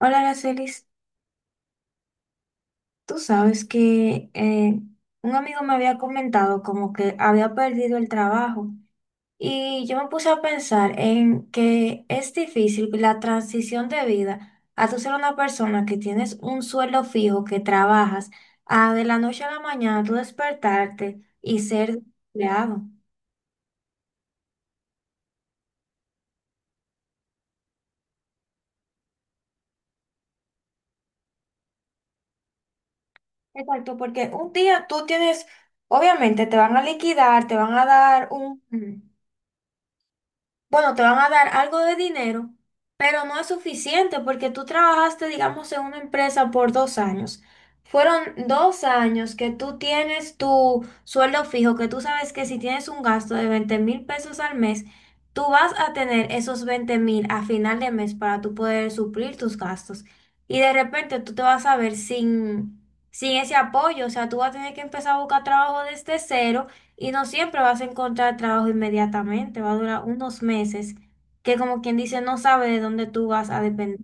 Hola, Aracelis. Tú sabes que un amigo me había comentado como que había perdido el trabajo y yo me puse a pensar en que es difícil la transición de vida a tú ser una persona que tienes un sueldo fijo, que trabajas, a de la noche a la mañana tú despertarte y ser empleado. Exacto, porque un día tú tienes, obviamente te van a liquidar, te van a dar un... Bueno, te van a dar algo de dinero, pero no es suficiente porque tú trabajaste, digamos, en una empresa por 2 años. Fueron 2 años que tú tienes tu sueldo fijo, que tú sabes que si tienes un gasto de 20 mil pesos al mes, tú vas a tener esos 20 mil a final de mes para tú poder suplir tus gastos. Y de repente tú te vas a ver sin ese apoyo, o sea, tú vas a tener que empezar a buscar trabajo desde cero y no siempre vas a encontrar trabajo inmediatamente, va a durar unos meses que como quien dice no sabe de dónde tú vas a depender.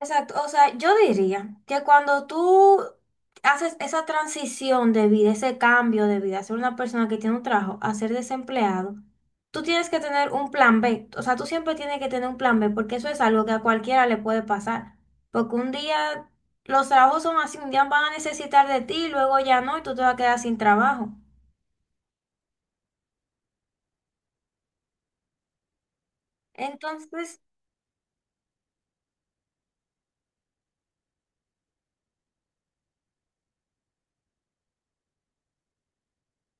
Exacto, o sea, yo diría que cuando tú haces esa transición de vida, ese cambio de vida, ser una persona que tiene un trabajo a ser desempleado, tú tienes que tener un plan B, o sea, tú siempre tienes que tener un plan B porque eso es algo que a cualquiera le puede pasar, porque un día los trabajos son así, un día van a necesitar de ti, luego ya no, y tú te vas a quedar sin trabajo. Entonces,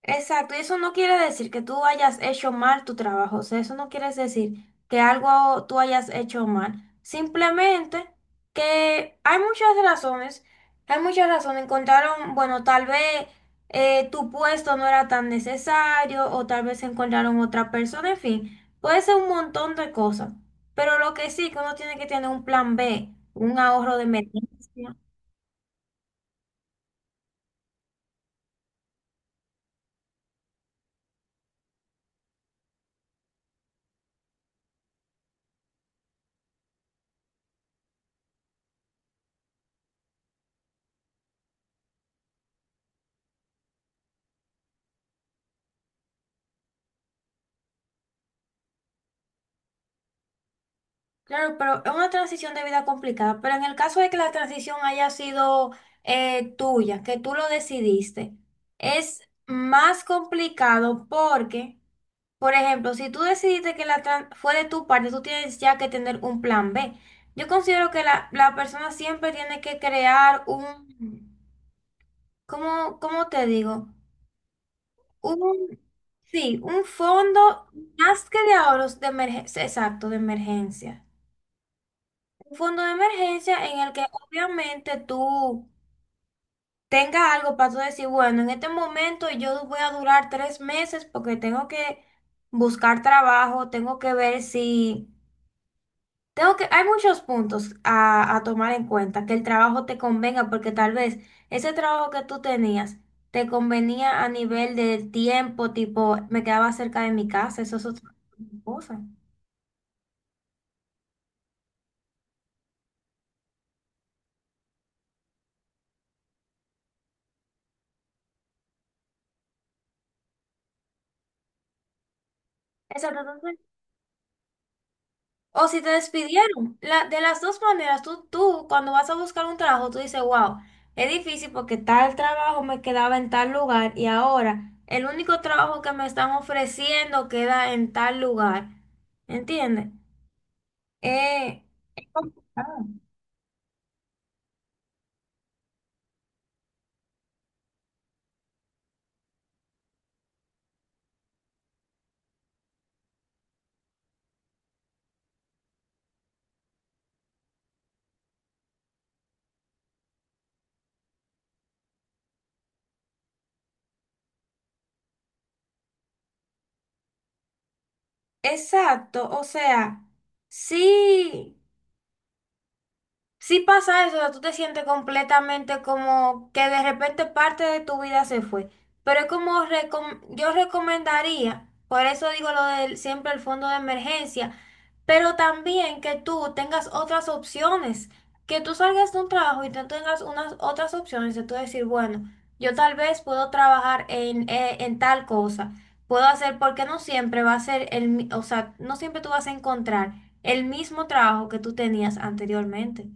exacto, y eso no quiere decir que tú hayas hecho mal tu trabajo, o sea, eso no quiere decir que algo tú hayas hecho mal, simplemente que hay muchas razones, encontraron, bueno, tal vez tu puesto no era tan necesario o tal vez encontraron otra persona, en fin, puede ser un montón de cosas, pero lo que sí, que uno tiene que tener un plan B, un ahorro de emergencia. Claro, pero es una transición de vida complicada, pero en el caso de que la transición haya sido tuya, que tú lo decidiste, es más complicado porque, por ejemplo, si tú decidiste que fue de tu parte, tú tienes ya que tener un plan B. Yo considero que la persona siempre tiene que crear un, ¿cómo te digo? Un, sí, un fondo más que de ahorros de emergencia, exacto, de emergencia. Un fondo de emergencia en el que obviamente tú tengas algo para tú decir, bueno, en este momento yo voy a durar 3 meses porque tengo que buscar trabajo, tengo que ver si... Tengo que, hay muchos puntos a tomar en cuenta, que el trabajo te convenga, porque tal vez ese trabajo que tú tenías te convenía a nivel de tiempo, tipo, me quedaba cerca de mi casa, eso es otra cosa. Exacto, o si te despidieron. De las dos maneras, tú cuando vas a buscar un trabajo, tú dices, wow, es difícil porque tal trabajo me quedaba en tal lugar y ahora el único trabajo que me están ofreciendo queda en tal lugar. ¿Entiendes? Eh, es complicado. Exacto, o sea, sí. Sí pasa eso, o sea, tú te sientes completamente como que de repente parte de tu vida se fue. Pero es como yo recomendaría, por eso digo lo del siempre el fondo de emergencia, pero también que tú tengas otras opciones, que tú salgas de un trabajo y tú tengas unas otras opciones de tú decir, bueno, yo tal vez puedo trabajar en tal cosa, puedo hacer, porque no siempre va a ser o sea, no siempre tú vas a encontrar el mismo trabajo que tú tenías anteriormente.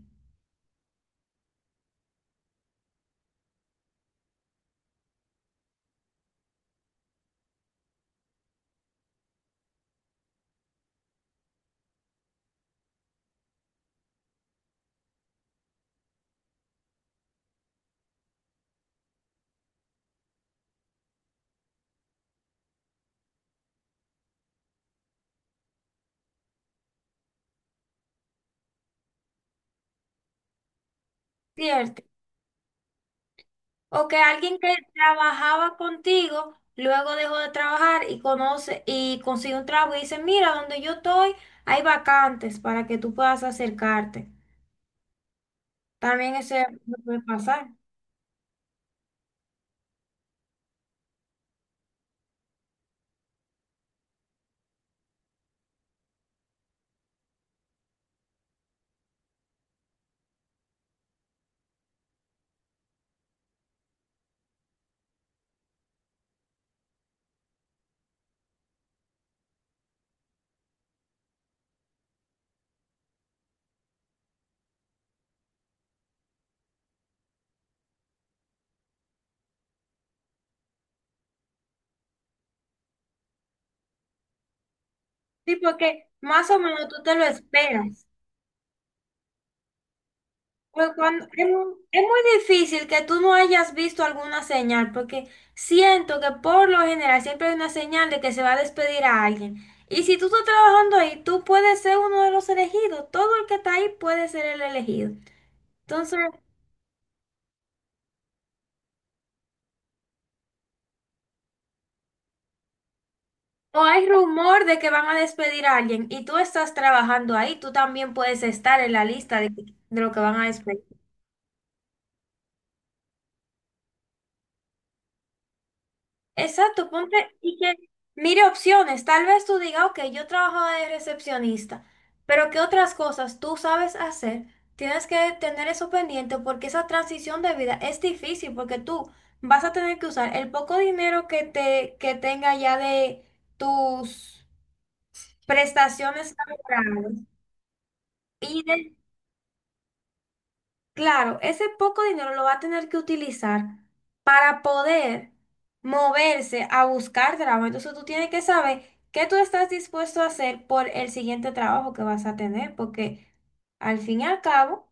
Cierto. O que alguien que trabajaba contigo luego dejó de trabajar y conoce y consigue un trabajo y dice, mira, donde yo estoy hay vacantes para que tú puedas acercarte. También eso puede pasar. Sí, porque más o menos tú te lo esperas. Pero es muy difícil que tú no hayas visto alguna señal, porque siento que por lo general siempre hay una señal de que se va a despedir a alguien. Y si tú estás trabajando ahí, tú puedes ser uno de los elegidos. Todo el que está ahí puede ser el elegido. Entonces, o hay rumor de que van a despedir a alguien y tú estás trabajando ahí, tú también puedes estar en la lista de lo que van a despedir. Exacto, ponte y que mire opciones. Tal vez tú digas, ok, yo trabajo de recepcionista, pero ¿qué otras cosas tú sabes hacer? Tienes que tener eso pendiente porque esa transición de vida es difícil porque tú vas a tener que usar el poco dinero que tenga ya de tus prestaciones laborales y de claro, ese poco dinero lo va a tener que utilizar para poder moverse a buscar trabajo. Entonces tú tienes que saber qué tú estás dispuesto a hacer por el siguiente trabajo que vas a tener, porque al fin y al cabo,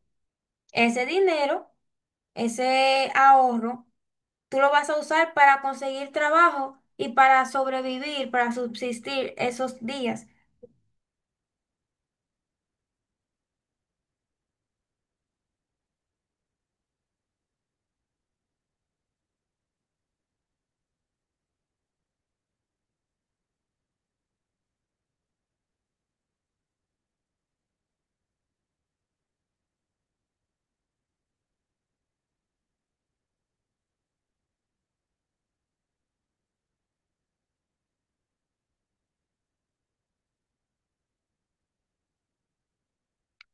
ese dinero, ese ahorro, tú lo vas a usar para conseguir trabajo y para sobrevivir, para subsistir esos días.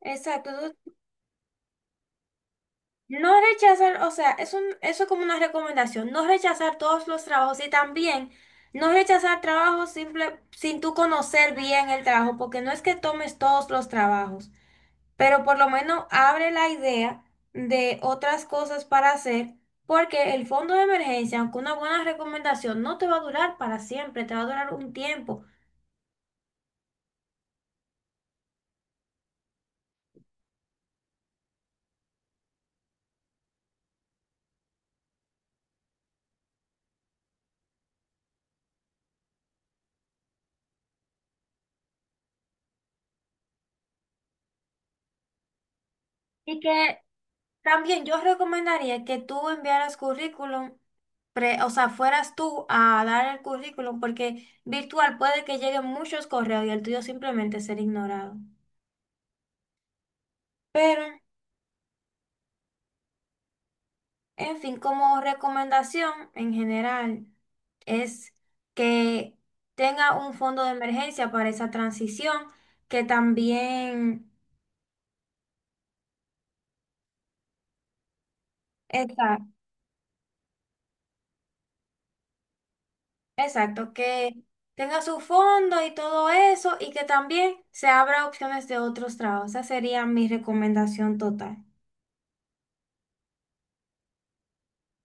Exacto. No rechazar, o sea, es un, eso es como una recomendación, no rechazar todos los trabajos y también no rechazar trabajos simple, sin tú conocer bien el trabajo, porque no es que tomes todos los trabajos, pero por lo menos abre la idea de otras cosas para hacer, porque el fondo de emergencia, aunque una buena recomendación, no te va a durar para siempre, te va a durar un tiempo. Y que también yo recomendaría que tú enviaras currículum, o sea, fueras tú a dar el currículum, porque virtual puede que lleguen muchos correos y el tuyo simplemente ser ignorado. Pero, en fin, como recomendación en general, es que tenga un fondo de emergencia para esa transición, que también, exacto, que tenga su fondo y todo eso y que también se abra opciones de otros trabajos. Esa sería mi recomendación total.